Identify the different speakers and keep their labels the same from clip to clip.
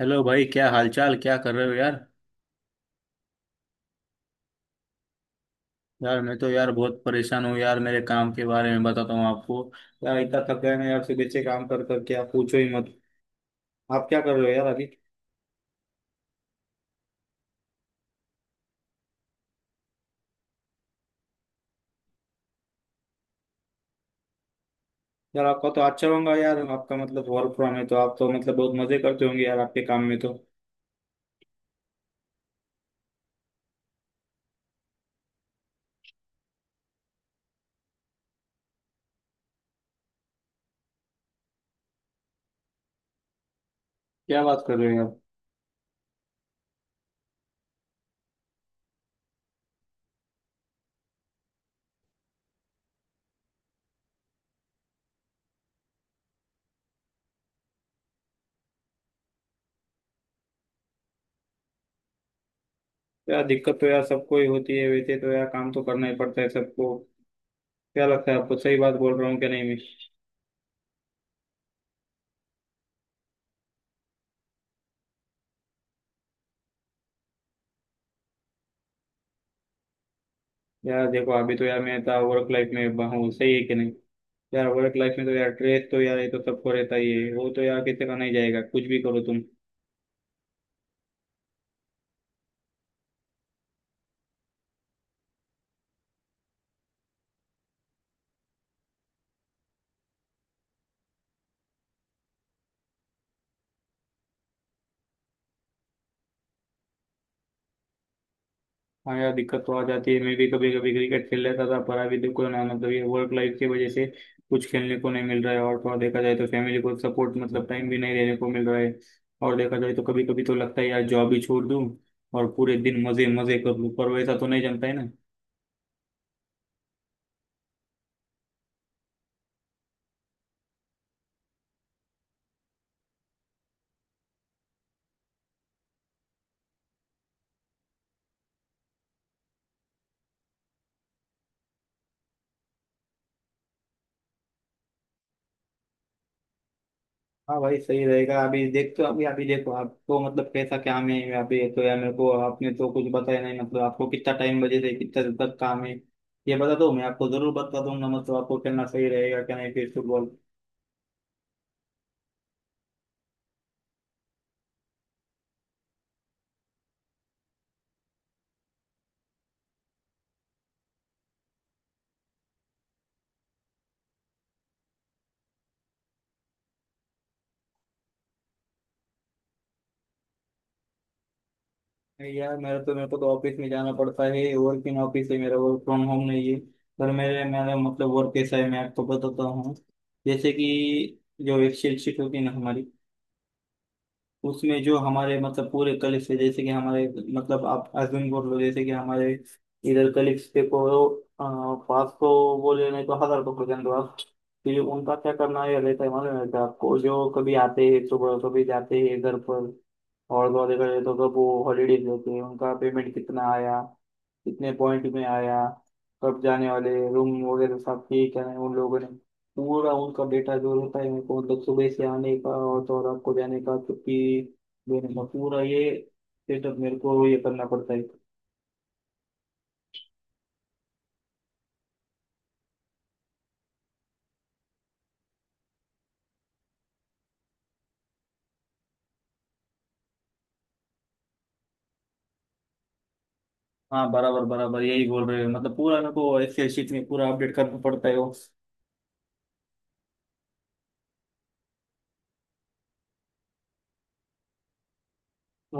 Speaker 1: Hello भाई, क्या हालचाल? क्या कर रहे हो यार? यार मैं तो यार बहुत परेशान हूँ यार, मेरे काम के बारे में बताता हूँ आपको। यार इतना थक गए मैं यार, सुबह से काम कर करके, आप पूछो ही मत। आप क्या कर रहे हो यार अभी? यार आपका तो अच्छा होगा यार, आपका मतलब वर्क फ्रॉम है तो आप तो मतलब बहुत मजे करते होंगे यार आपके काम में तो। क्या बात कर रहे हो यार! यार दिक्कत तो यार सबको ही होती है, वैसे तो यार काम तो करना ही पड़ता है सबको। क्या लगता है आपको, सही बात बोल रहा हूँ क्या नहीं मैं? यार देखो, अभी तो यार मैं इतना वर्क लाइफ में हूँ, सही है कि नहीं? यार वर्क लाइफ में तो यार स्ट्रेस तो यार ये तो सबको रहता ही है, वो तो यार किसी का नहीं जाएगा कुछ भी करो तुम। हाँ यार दिक्कत तो आ जाती है, मैं भी कभी कभी क्रिकेट खेल लेता था, पर अभी देखो ना मतलब ये वर्क लाइफ की वजह से कुछ खेलने को नहीं मिल रहा है, और थोड़ा देखा जाए तो फैमिली को सपोर्ट मतलब टाइम भी नहीं देने को मिल रहा है। और देखा जाए तो कभी कभी तो लगता है यार जॉब ही छोड़ दूँ और पूरे दिन मजे मजे कर लूँ, पर वैसा तो नहीं जमता है ना। हाँ भाई सही रहेगा। अभी देखते हो, अभी अभी देखो आपको मतलब कैसा क्या में है, अभी तो यार मेरे को आपने तो कुछ बताया नहीं, मतलब आपको कितना टाइम बजे से कितना देर तक काम है ये बता दो, मैं आपको जरूर बता दूंगा, मतलब आपको खेलना सही रहेगा क्या नहीं फिर फुटबॉल। नहीं यार मेरा तो, मेरे को तो ऑफिस में जाना पड़ता है, वर्किंग ऑफिस है मेरा, वर्क फ्रॉम होम नहीं है। पर मेरे मेरा मतलब वर्क कैसा है मैं आपको बताता हूँ। जैसे कि जो एक्सेल शीट होती है ना हमारी, उसमें जो हमारे मतलब पूरे कलीग्स है, जैसे कि हमारे मतलब आप अज्यूम कर लो, जैसे कि हमारे इधर कलीग्स पे को पाँच सौ, बोले नहीं तो हजार को प्रेजेंट आप। फिर उनका क्या करना ये रहता है मालूम है क्या आपको? जो कभी आते हैं सुबह, कभी जाते हैं घर पर, और दो आधे घंटे तो कब वो हॉलीडेज लेते हैं, उनका पेमेंट कितना आया, कितने पॉइंट में आया, कब जाने वाले, रूम वगैरह सब ठीक है उन लोगों ने, पूरा उनका डेटा जो होता है उनको, मतलब सुबह से आने का और तो और आपको जाने का, छुट्टी देने का, पूरा ये सेटअप मेरे को ये करना पड़ता है। हाँ, बराबर बराबर यही बोल रहे हो, मतलब पूरा मेरे को एक्सेल शीट में पूरा अपडेट करना पड़ता है।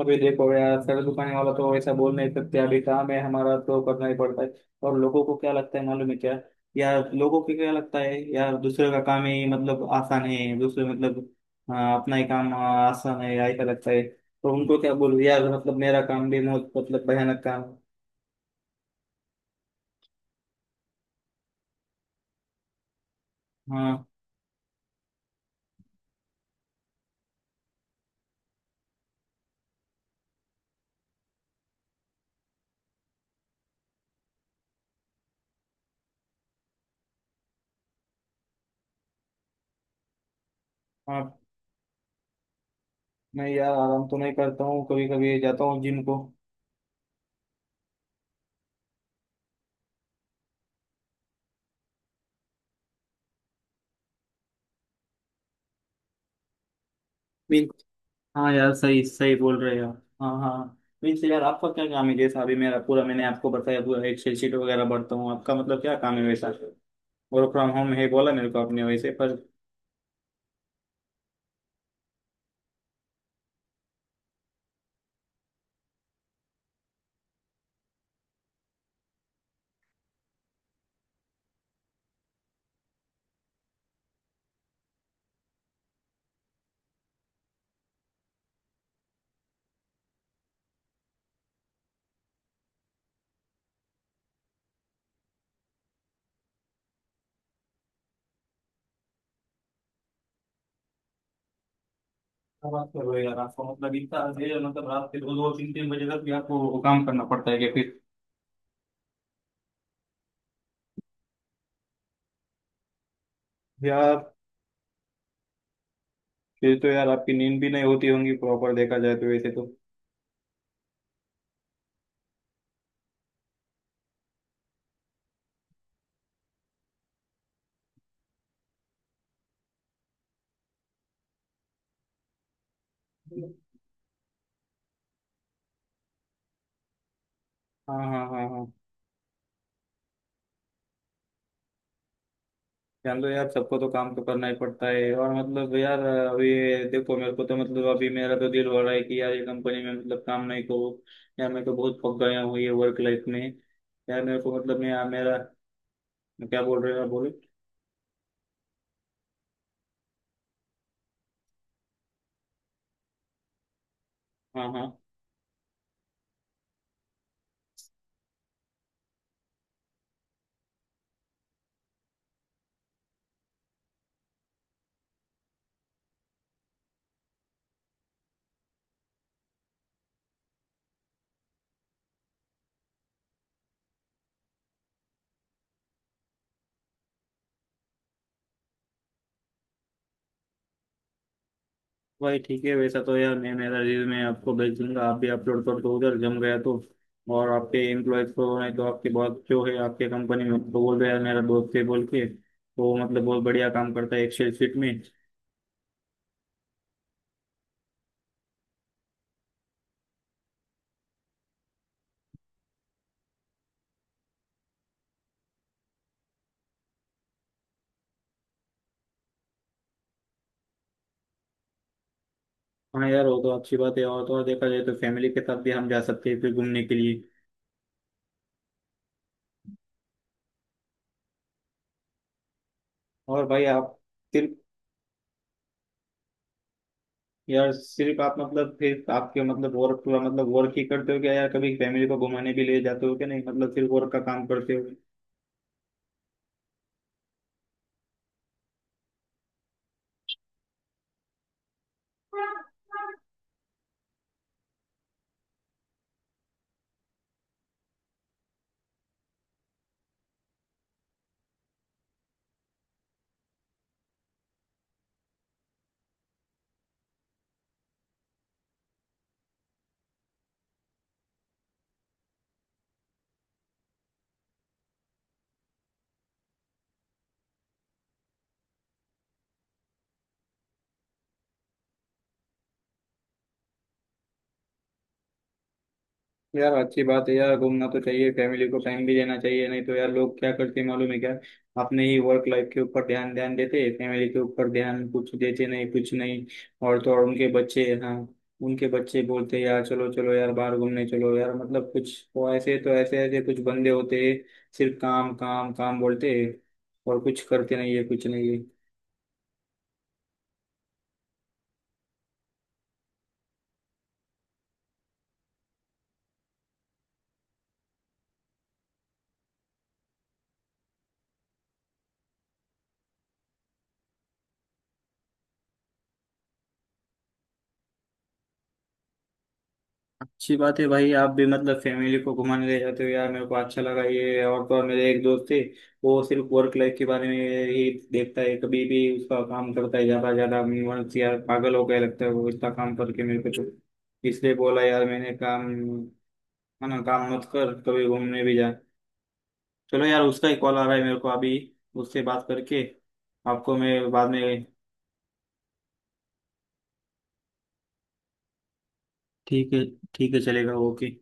Speaker 1: अभी देखो यार, सर दुकाने वाला तो ऐसा बोल नहीं सकते, अभी काम है हमारा तो करना ही पड़ता है। और लोगों को क्या लगता है मालूम है क्या? यार लोगों को क्या लगता है, यार दूसरे का काम ही मतलब आसान है, दूसरे मतलब। हाँ, अपना ही काम हाँ, आसान है, ऐसा लगता है। तो उनको क्या बोलूं यार, मतलब मेरा काम भी बहुत मतलब भयानक काम है। हाँ, हाँ। मैं यार आराम तो नहीं करता हूँ, कभी कभी जाता हूँ जिम को। हाँ यार, सही सही बोल रहे हो। हाँ, हाँ। वैसे यार आपका क्या काम है? जैसा अभी मेरा पूरा मैंने आपको बताया, पूरा एक्सेल शीट वगैरह भरता हूँ, आपका मतलब क्या काम है वैसा? वर्क फ्रॉम होम है बोला मेरे को आपने वैसे, पर क्या बात कर रहे हो यार! आपको मतलब इतना है, मतलब रात के दो दो तीन तीन बजे तक भी आपको वो काम करना पड़ता है क्या फिर? यार, फिर तो यार आपकी नींद भी नहीं होती होंगी प्रॉपर, देखा जाए तो वैसे तो। हाँ, हाँ, हाँ, हाँ। जान लो यार सबको तो काम तो करना ही पड़ता है, और मतलब यार अभी देखो, मेरे को तो मतलब अभी मेरा तो दिल हो रहा है कि यार ये कंपनी में मतलब काम नहीं करूँ। यार मैं तो बहुत पक गया हूँ ये वर्क लाइफ में। यार मेरे को मतलब मैं मेरा क्या बोल रहे हो यार बोले। हाँ, हाँ। भाई ठीक है, वैसा तो यार मैं मेरा रिज्यूमे आपको भेज दूंगा, आप भी अपलोड कर दो उधर, जम गया तो। और आपके एम्प्लॉयज को, नहीं तो आपके बॉस जो है आपके कंपनी में, तो बोल रहे यार मेरा दोस्त है बोल के तो, मतलब बहुत बढ़िया काम करता है एक्सेल शीट में। हाँ यार वो तो अच्छी बात है, और तो और देखा जाए तो फैमिली के साथ भी हम जा सकते हैं फिर घूमने के लिए। और भाई आप सिर्फ, यार सिर्फ आप मतलब फिर आपके मतलब वर्क पूरा मतलब वर्क ही करते हो क्या यार? कभी फैमिली को घुमाने भी ले जाते हो क्या नहीं? मतलब सिर्फ वर्क का काम करते हो? यार अच्छी बात है यार, घूमना तो चाहिए, फैमिली को टाइम भी देना चाहिए, नहीं तो यार लोग क्या करते हैं मालूम है क्या? अपने ही वर्क लाइफ के ऊपर ध्यान ध्यान देते हैं, फैमिली के ऊपर ध्यान कुछ देते नहीं कुछ नहीं। और तो और उनके बच्चे, हाँ, उनके बच्चे बोलते हैं यार चलो चलो यार बाहर घूमने चलो यार, मतलब कुछ वो ऐसे तो ऐसे ऐसे कुछ बंदे होते हैं, सिर्फ काम काम काम बोलते हैं, और कुछ करते नहीं है कुछ नहीं है। अच्छी बात है भाई आप भी मतलब फैमिली को घुमाने ले जाते हो, यार मेरे को अच्छा लगा ये। और तो और मेरे एक दोस्त थे, वो सिर्फ वर्क लाइफ के बारे में ही देखता है, कभी भी उसका काम करता है ज्यादा ज्यादा मन से, यार पागल हो गया लगता है वो इतना काम करके। मेरे को तो इसलिए बोला यार मैंने, काम है ना काम मत कर, कभी घूमने भी जा। चलो यार उसका ही कॉल आ रहा है मेरे को अभी, उससे बात करके आपको मैं बाद में ठीक है। ठीक है, चलेगा, ओके।